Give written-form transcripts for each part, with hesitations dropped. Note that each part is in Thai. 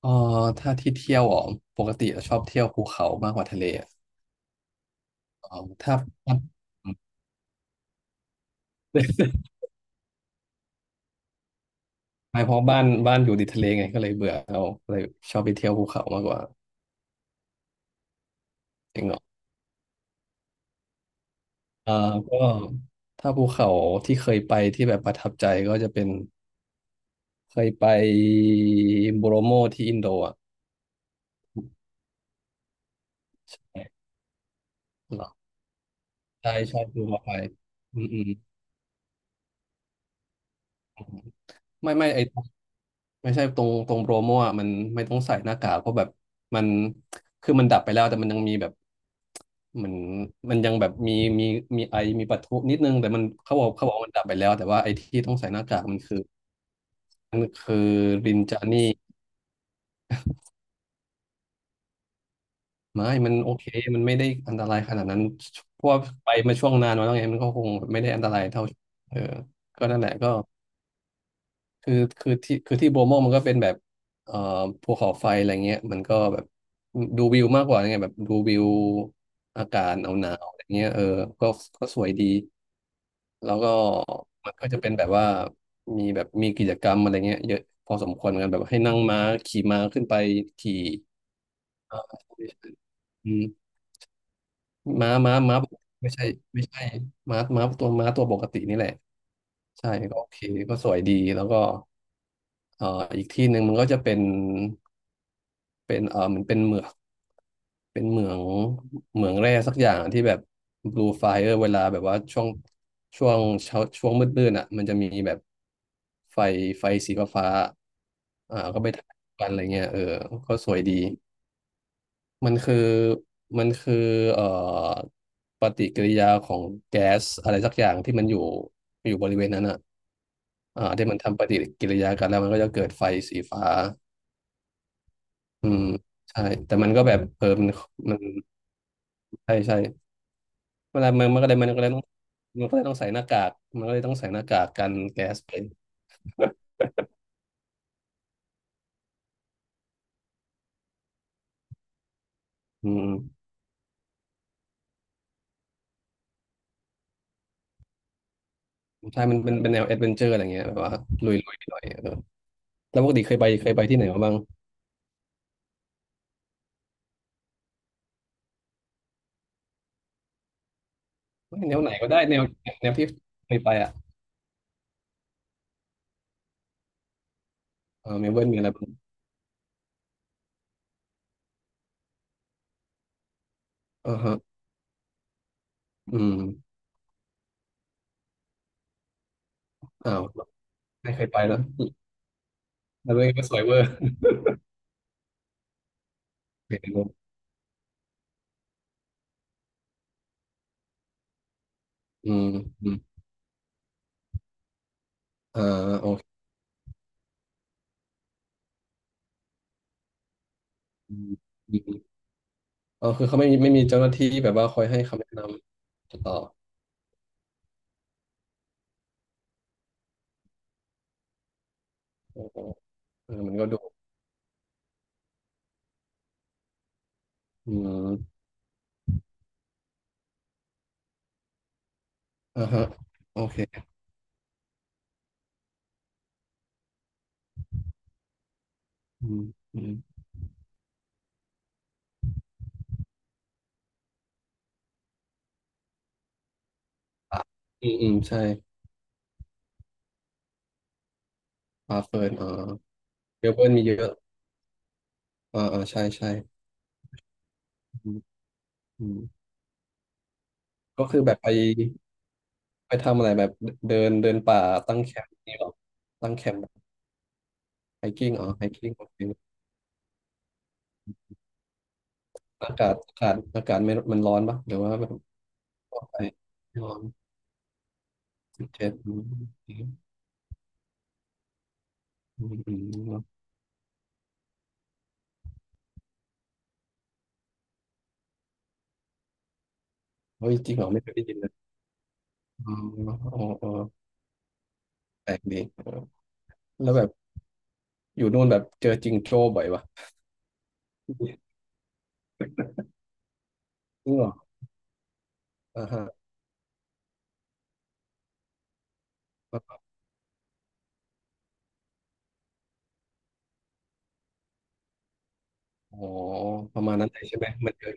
เออถ้าที่เที่ยวอ๋อปกติเราชอบเที่ยวภูเขามากกว่าทะเลอะเออถ้า ไม่เพราะบ้านอยู่ติดทะเลไงก็เลยเบื่อเราเลยชอบไปเที่ยวภูเขามากกว่าจริงเหรอเออก็ถ้าภูเขาที่เคยไปที่แบบประทับใจก็จะเป็นเคยไปโบโรโมที่อินโดอ่ะเหรอใช่ใช่ภูเขาไฟอืมอืมอืมไม่ไอ ไม่ใช่ตรงโปรโมอ่ะมันไม่ต้องใส่หน้ากากเพราะแบบมันคือมันดับไปแล้วแต่มันยังมีแบบเหมือนมันยังแบบมีมีมีไอมีปะทุนิดนึงแต่มันเขาบอกว่ามันดับไปแล้วแต่ว่าไอที่ต้องใส่หน้ากากมันคือมันคือรินจานี่ไม่มันโอเคมันไม่ได้อันตรายขนาดนั้นเพราะว่าไปมาช่วงนานมาแล้วไงมันก็คงไม่ได้อันตรายเท่าเออก็นั่นแหละก็ คือคือที่คือที่โบโมมันก็เป็นแบบเอ่อภูเขาไฟอะไรเงี้ยมันก็แบบดูวิวมากกว่าไงแบบดูวิวอากาศหนาวหนาวอะไรเงี้ยเออก็ก็สวยดีแล้วก็มันก็จะเป็นแบบว่ามีแบบมีกิจกรรมอะไรเงี้ยเยอะพอสมควรเหมือนกันแบบให้นั่งม้าขี่ม้าขึ้นไปขี่เอ่ออืมม้าม้าม้าไม่ใช่ไม่ใช่ม้าม้าตัวม้าตัวปกตินี่แหละใช่ก็โอเคก็สวยดีแล้วก็ เอ่ออีกที่หนึ่งมันก็จะเป็นเป็นเอ่อมันเป็นเหมืองเป็นเหมืองเหมืองแร่สักอย่างที่แบบ blue fire เวลาแบบว่าช่วงช่วงเช้าช่วงมืดๆอ่ะมันจะมีแบบไฟไฟสีฟ้าๆอ่าก็ไปถ่ายกันอะไรเงี้ยเออก็สวยดีมันคือมันคือเอ่อปฏิกิริยาของแก๊สอะไรสักอย่างที่มันอยู่บริเวณนั้นอ่ะอ่าที่มันทำปฏิกิริยากันแล้วมันก็จะเกิดไฟสีฟ้า อืมใช่แต่มันก็แบบเออมันใช่ใช่เวลามันมันก็เลยมันก็เลยต้องมันก็เลยต้องใส่หน้ากากมันก็เลยต้องใส่หน้ากากกันแก๊สไปอืมใช่มันเป็นแนวแอดเวนเจอร์อะไรเงี้ยแบบว่าลุยหน่อยเออแล้วปกติเคยไปที่ไหนมาบ้างเฮ้ยแนวไหนก็ได้แนวแนวที่เคยไปอ่ะเออเมลเบิร์นมีอะไรบ้างอ่าฮะอืมอ้าวไม่เคยไปแล้วแล้วตัวเองก็สวยเวอร์ เคยไปแล้วอืมอืมอ่าโอเคอืมอมอ๋อคือเขาไม่มีเจ้าหน้าที่แบบว่าคอยให้คำแนะนำต่อ โอ้โหเออมันก็ดู อืมอ่าฮะโอเคอืมอืมอ่ะอืมอืมใช่ปลาเฟิร์นอ่าเมลเบิร์นมีเยอะอ่าอ่าใช่ใช่อืมอืมก็คือแบบไปไปทำอะไรแบบเดินเดินป่า ตั้งแคมป์นี่หรอตั้งแคมป์ไฮกิ้งอ๋อไฮกิ้งโอเคอากาศอากาศอากาศไม่มันร้อนปะหรือว่าแบบออกไปไม่ร้อนสิบเจ็ดอืมอืมอืมอืมเฮ้ยจริงเหรอไม่เคยได้ยินเลยอ๋ออ๋ออ๋อแปลกดี แล้วแบบ อยู่นู่นแบบเจอจิงโจ้บ่อยวะจริงเหรออ่าฮะอ๋อประมาณนั้นเลยใช่ไหมมันเจอ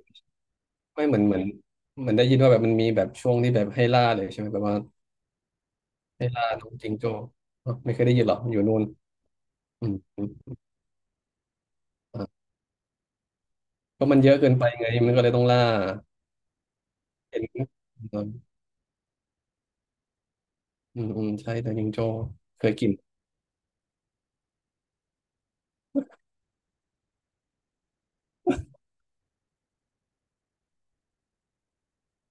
ไม่เหมือนเหมือนเหมือนได้ยินว่าแบบมันมีแบบช่วงที่แบบให้ล่าเลยใช่ไหมแบบว่าให้ล่าน้องจิงโจ้เอ่ะไม่เคยได้ยินหรออยู่นู่นอืมอมอ่ะก็มันเยอะเกินไปไงมันก็เลยต้องล่าเห็นอืมอืมอืมใช่แต่จิงโจ้เคยกิน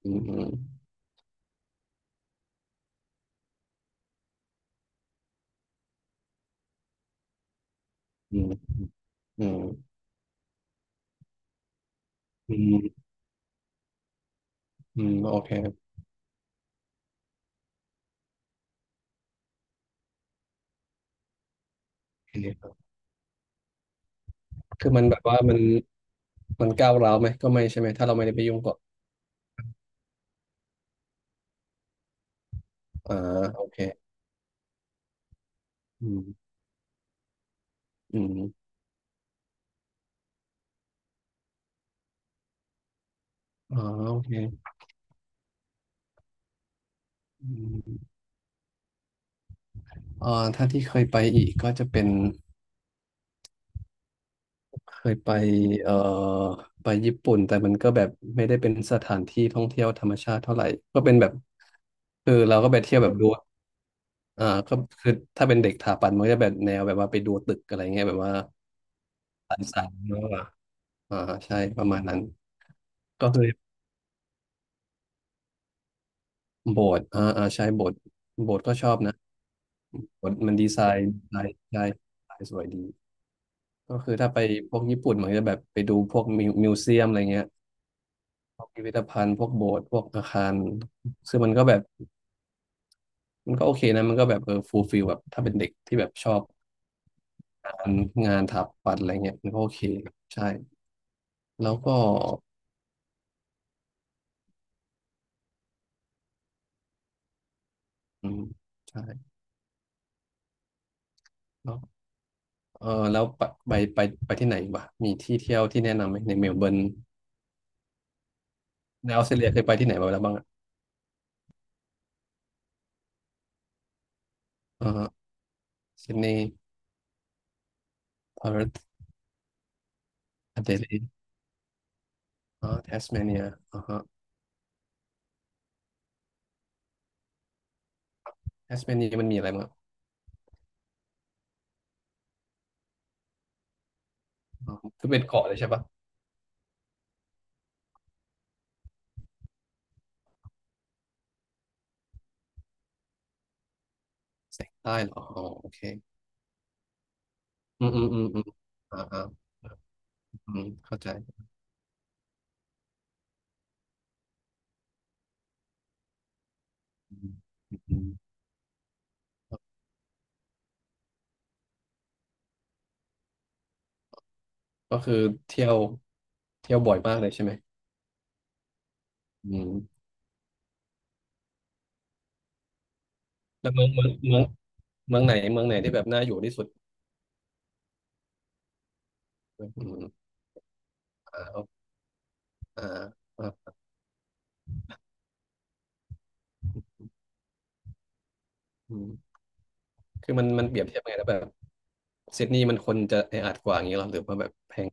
อืมอืมอืมอืมอืมอืมโอเคโอเคครับคือมันแบบว่ามันก้าวร้าวไหมก็ไม่ใช่ไหมถ้าเราไม่ได้ไปยุ่งก่อน อ่าโอเคอืมอืมอ๋อโอเคอืมอ่าถ้าที่เคยไปอีกก็จะเป็นเคยไปเอ่อไปญี่ปุ่นแต่มันก็แบบไม่ได้เป็นสถานที่ท่องเที่ยวธรรมชาติเท่าไหร่ก็เป็นแบบคือเราก็ไปเที่ยวแบบดูอ่าก็คือถ้าเป็นเด็กถาปัตย์มันก็จะแบบแนวแบบว่าไปดูตึกอะไรเงี้ยแบบว่าสันสันเนาะอะอ่าใช่ประมาณนั้นก็คือโบสถ์อ่าอ่าใช่โบสถ์โบสถ์ก็ชอบนะโบสถ์มันดีไซน์ใช่สวยดี ก็คือถ้าไปพวกญี่ปุ่นเหมันจะแบบไปดูพวกมิวมิวเซียมอะไรเงี้ยพวกพิพิธภัณฑ์พวกโบสถ์พวกอาคารซึ่งมันก็แบบมันก็โอเคนะมันก็แบบเออฟูลฟิลแบบถ้าเป็นเด็กที่แบบชอบงานงานถาปัตย์อะไรเงี้ยมันก็โอเคใช่แล้วก็อืมใช่แล้วเออแล้วไปไปไปไปที่ไหนบ้างมีที่เที่ยวที่แนะนำไหมในเมลเบิร์นในออสเตรเลียเคยไปที่ไหนมาแล้วบ้างอ่ะอ่าฮะซิดนีย์พาร์ธอเดเลดอ่าแทสเมเนียอ่าฮะแทสเมเนียมันมีอะไรบ้าง อ๋อก็เป็นเกาะเลยใช่ปะแสงใต้เหรออ๋อโอเคอืมอืมอืมอืมอ่าอ่าอืมเข้าใจอืมอืมก็คือเที่ยวบ่อยมากเลยใช่ไหมอืมแล้วเมืองไหนที่แบบน่าอยู่ที่สุดอืมอ่าอ่าอ่าอืมคือมันเปรียบเทียบไงแล้วแบบซิดนีย์มันคนจะแออัดกว่าอย่างนี้เหรอหรือว่าแบบแพง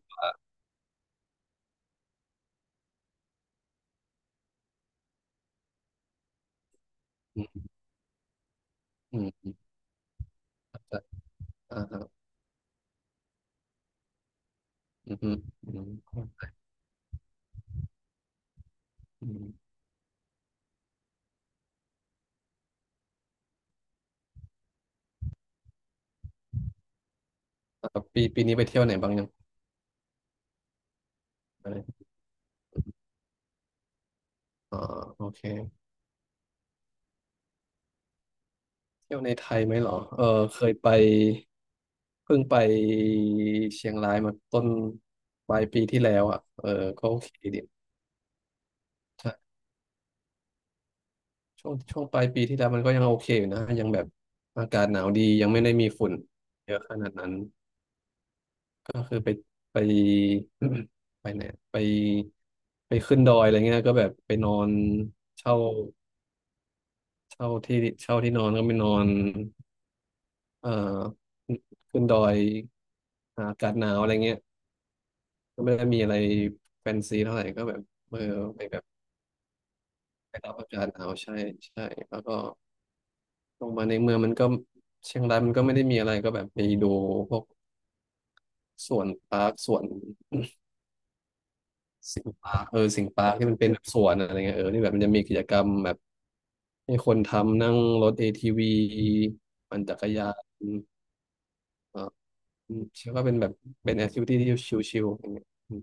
อืมอืมอืมเข้าใจอ่าอ่าอืมอืมอืมอืมอ่าปีนี้ไปเที่ยวไหนบ้างยังอะไรอ๋อโอเค เที่ยวในไทยไหมเหรอเออเคยไปเพิ่งไปเชียงรายมาต้นปลายปีที่แล้วอ่ะเออก็โอเคดีใช่ช่วงปลายปีที่แล้วมันก็ยังโอเคอยู่นะยังแบบอากาศหนาวดียังไม่ได้มีฝุ่นเยอะขนาดนั้นก็คือไป ไปไหนไปไปขึ้นดอยอะไรเงี้ยก็แบบไปนอนเช่าเช่าที่เช่าที่นอนก็ไปนอนเอ่อขึ้นดอยหาอากาศหนาวอะไรเงี้ย ก็ไม่ได้มีอะไรแฟนซีเท่าไหร่ก็แบบเออไปแบบไปรับอาจารย์เอาใช่ใช่แล้วก็ลงมาในเมืองมันก็เชียงรายมันก็ไม่ได้มีอะไรก็แบบไปดูพวกสวนปาร์คสวนสิงห์ปาร์คที่มันเป็นแบบสวนอะไรเงี้ยเออที่แบบมันจะมีกิจกรรมแบบให้คนทำนั่งรถ ATV ปั่นจักรยานเอออชื่อว่าเป็นแบบเป็นแอคทิวิตี้ที่ชิลๆอย่างเงี้ยอืม